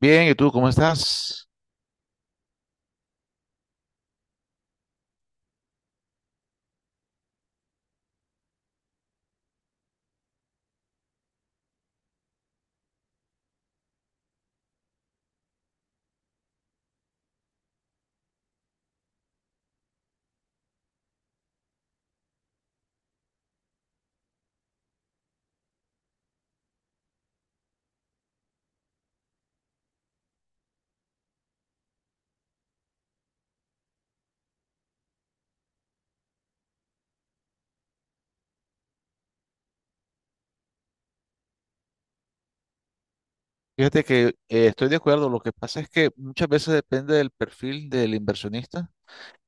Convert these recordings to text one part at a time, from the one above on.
Bien, ¿y tú cómo estás? Fíjate que estoy de acuerdo. Lo que pasa es que muchas veces depende del perfil del inversionista.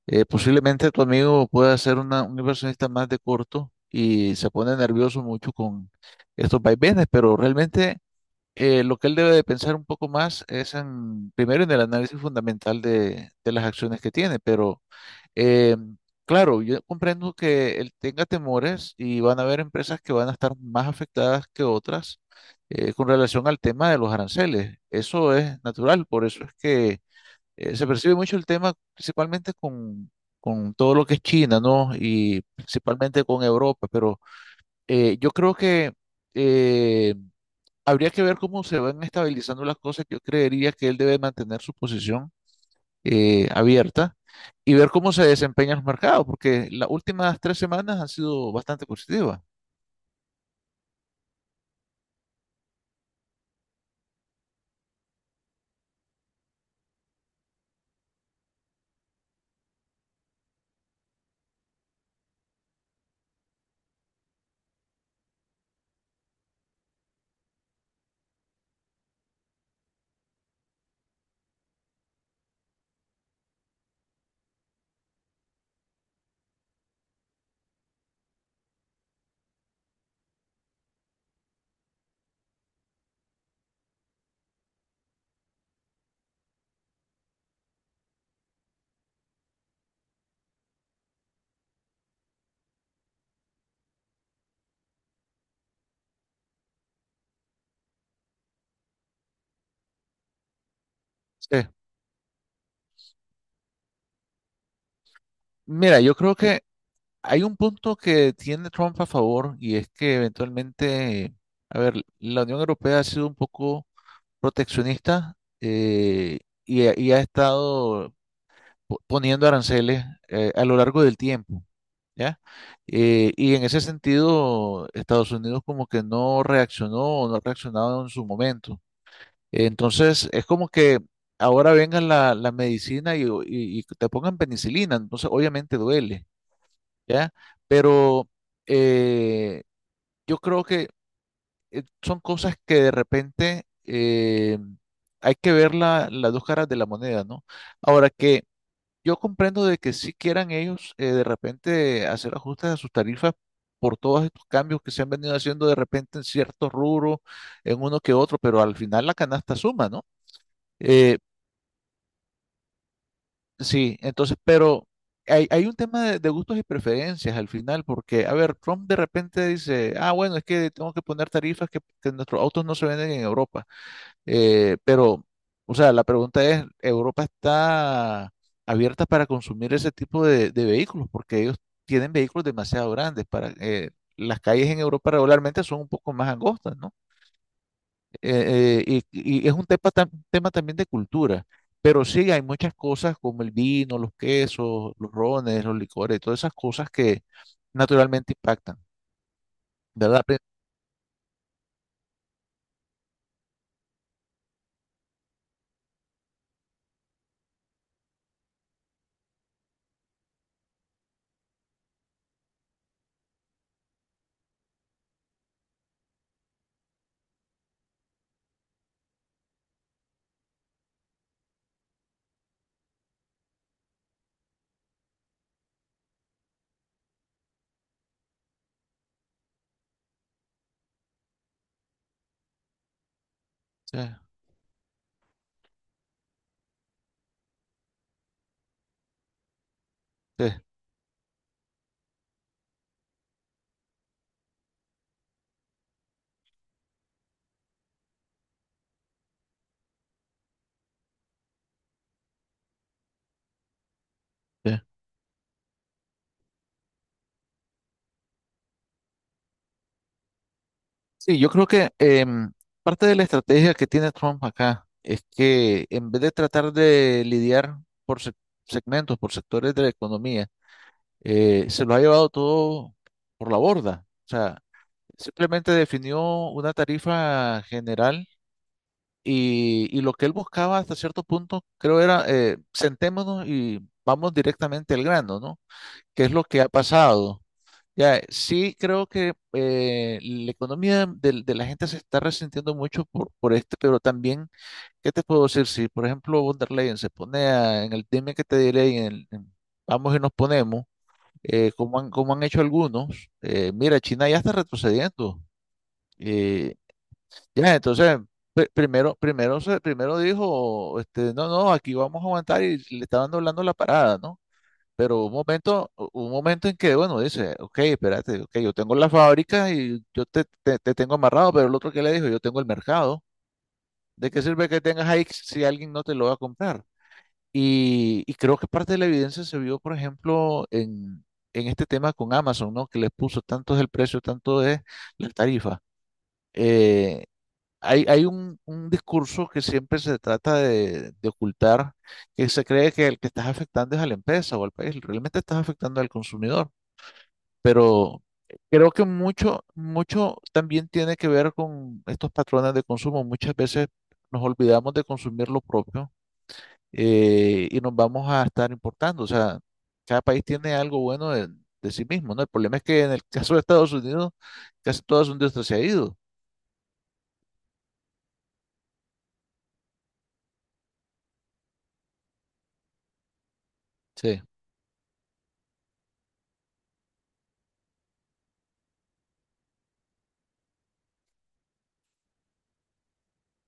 Posiblemente tu amigo pueda ser un inversionista más de corto y se pone nervioso mucho con estos vaivenes, pero realmente lo que él debe de pensar un poco más es en, primero en el análisis fundamental de las acciones que tiene, pero Eh, claro, yo comprendo que él tenga temores y van a haber empresas que van a estar más afectadas que otras con relación al tema de los aranceles. Eso es natural, por eso es que se percibe mucho el tema principalmente con todo lo que es China, ¿no? Y principalmente con Europa, pero yo creo que eh, habría que ver cómo se van estabilizando las cosas. Yo creería que él debe mantener su posición abierta y ver cómo se desempeñan los mercados, porque las últimas tres semanas han sido bastante positivas. Sí. Mira, yo creo que hay un punto que tiene Trump a favor y es que eventualmente, a ver, la Unión Europea ha sido un poco proteccionista y, ha estado poniendo aranceles a lo largo del tiempo. ¿Ya? Y en ese sentido, Estados Unidos como que no reaccionó o no ha reaccionado en su momento. Entonces, es como que ahora vengan la medicina y, y te pongan penicilina, entonces obviamente duele, ¿ya? Pero eh, yo creo que son cosas que de repente hay que ver las dos caras de la moneda, ¿no? Ahora que yo comprendo de que si quieran ellos de repente hacer ajustes a sus tarifas por todos estos cambios que se han venido haciendo de repente en ciertos rubros, en uno que otro, pero al final la canasta suma, ¿no? Eh, Sí, entonces, pero hay un tema de gustos y preferencias al final, porque, a ver, Trump de repente dice, ah, bueno, es que tengo que poner tarifas que nuestros autos no se venden en Europa. Pero, o sea, la pregunta es, ¿Europa está abierta para consumir ese tipo de vehículos? Porque ellos tienen vehículos demasiado grandes para... las calles en Europa regularmente son un poco más angostas, ¿no? Y es un tema, también de cultura, pero sí hay muchas cosas como el vino, los quesos, los rones, los licores, todas esas cosas que naturalmente impactan, ¿verdad? Sí, sí, sí. Sí, yo creo que em, parte de la estrategia que tiene Trump acá es que en vez de tratar de lidiar por segmentos, por sectores de la economía, se lo ha llevado todo por la borda. O sea, simplemente definió una tarifa general. Y lo que él buscaba hasta cierto punto, creo era, sentémonos y vamos directamente al grano, ¿no? ¿Qué es lo que ha pasado? Ya, sí creo que la economía de la gente se está resintiendo mucho por este, pero también, ¿qué te puedo decir? Si, por ejemplo, von der Leyen se pone en el dime que te diré, y en el, en vamos y nos ponemos, como han hecho algunos, mira, China ya está retrocediendo. eh, ya, entonces, primero, primero dijo, este, no, no, aquí vamos a aguantar y le estaban doblando la parada, ¿no? Pero un momento, un momento en que, bueno, dice, ok, espérate, ok, yo tengo la fábrica y yo te tengo amarrado, pero el otro que le dijo, yo tengo el mercado. ¿De qué sirve que tengas ahí si alguien no te lo va a comprar? Y creo que parte de la evidencia se vio, por ejemplo, en este tema con Amazon, ¿no? Que les puso tanto es el precio, tanto es la tarifa. Eh, Hay, hay un discurso que siempre se trata de ocultar, que se cree que el que estás afectando es a la empresa o al país, realmente estás afectando al consumidor, pero creo que mucho, mucho también tiene que ver con estos patrones de consumo. Muchas veces nos olvidamos de consumir lo propio y nos vamos a estar importando, o sea, cada país tiene algo bueno de sí mismo, ¿no? El problema es que en el caso de Estados Unidos, casi toda su industria se ha ido, sí,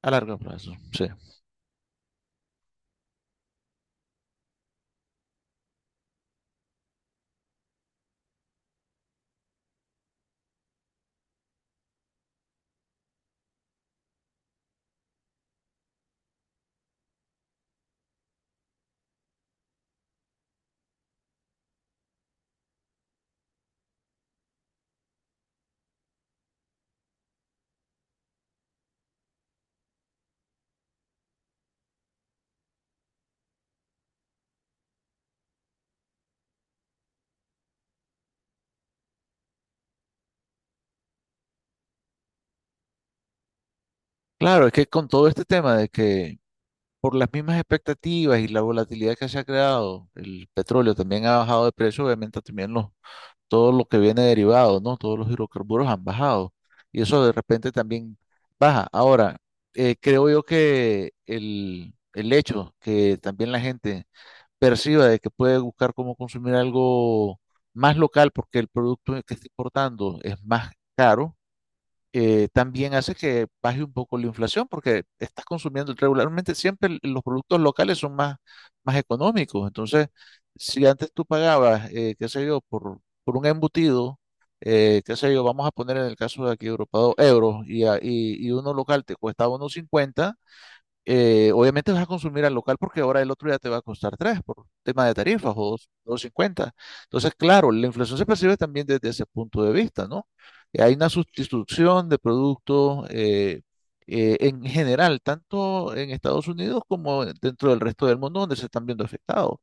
a largo plazo, sí. Claro, es que con todo este tema de que por las mismas expectativas y la volatilidad que se ha creado, el petróleo también ha bajado de precio, obviamente también los, todo lo que viene derivado, ¿no? Todos los hidrocarburos han bajado y eso de repente también baja. Ahora, creo yo que el hecho que también la gente perciba de que puede buscar cómo consumir algo más local porque el producto que está importando es más caro también hace que baje un poco la inflación porque estás consumiendo regularmente, siempre los productos locales son más, más económicos. Entonces, si antes tú pagabas, qué sé yo, por un embutido, qué sé yo, vamos a poner en el caso de aquí de Europa, dos euros y uno local te cuesta uno cincuenta, obviamente vas a consumir al local porque ahora el otro ya te va a costar 3 por tema de tarifas o dos cincuenta. Entonces, claro, la inflación se percibe también desde ese punto de vista, ¿no? Hay una sustitución de productos en general, tanto en Estados Unidos como dentro del resto del mundo donde se están viendo afectados.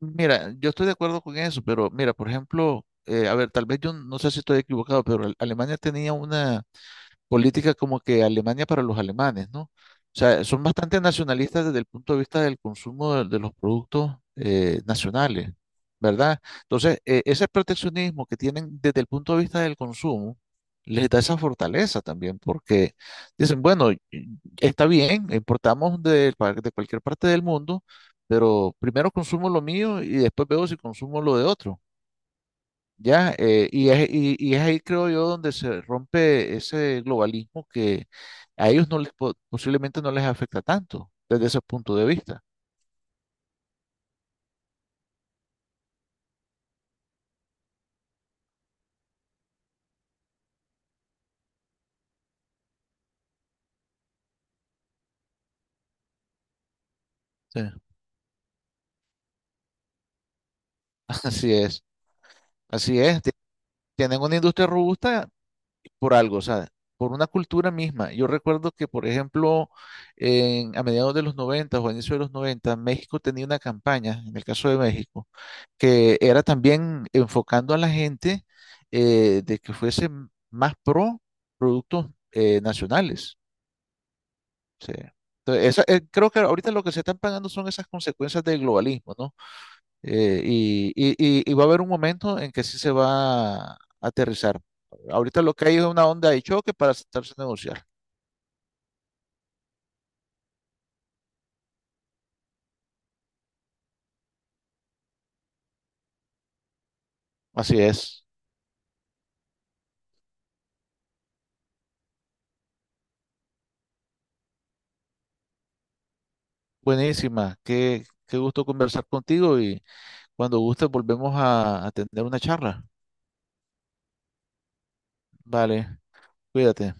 Mira, yo estoy de acuerdo con eso, pero mira, por ejemplo, a ver, tal vez yo no sé si estoy equivocado, pero Alemania tenía una política como que Alemania para los alemanes, ¿no? O sea, son bastante nacionalistas desde el punto de vista del consumo de los productos nacionales, ¿verdad? Entonces, ese proteccionismo que tienen desde el punto de vista del consumo les da esa fortaleza también, porque dicen, bueno, y está bien, importamos de, de cualquier parte del mundo, pero primero consumo lo mío y después veo si consumo lo de otro. ¿Ya? Y es, y es ahí, creo yo, donde se rompe ese globalismo que a ellos no les, posiblemente no les afecta tanto desde ese punto de vista. Sí. Así es, así es. Tienen una industria robusta por algo, o sea, por una cultura misma. Yo recuerdo que, por ejemplo, a mediados de los 90 o a inicios de los 90 México tenía una campaña, en el caso de México que era también enfocando a la gente de que fuese más pro productos nacionales. O sea, entonces, creo que ahorita lo que se están pagando son esas consecuencias del globalismo, ¿no? Y, y va a haber un momento en que sí se va a aterrizar. Ahorita lo que hay es una onda de choque para sentarse a negociar. Así es. Buenísima. Qué, qué gusto conversar contigo y cuando gustes volvemos a tener una charla. Vale, cuídate.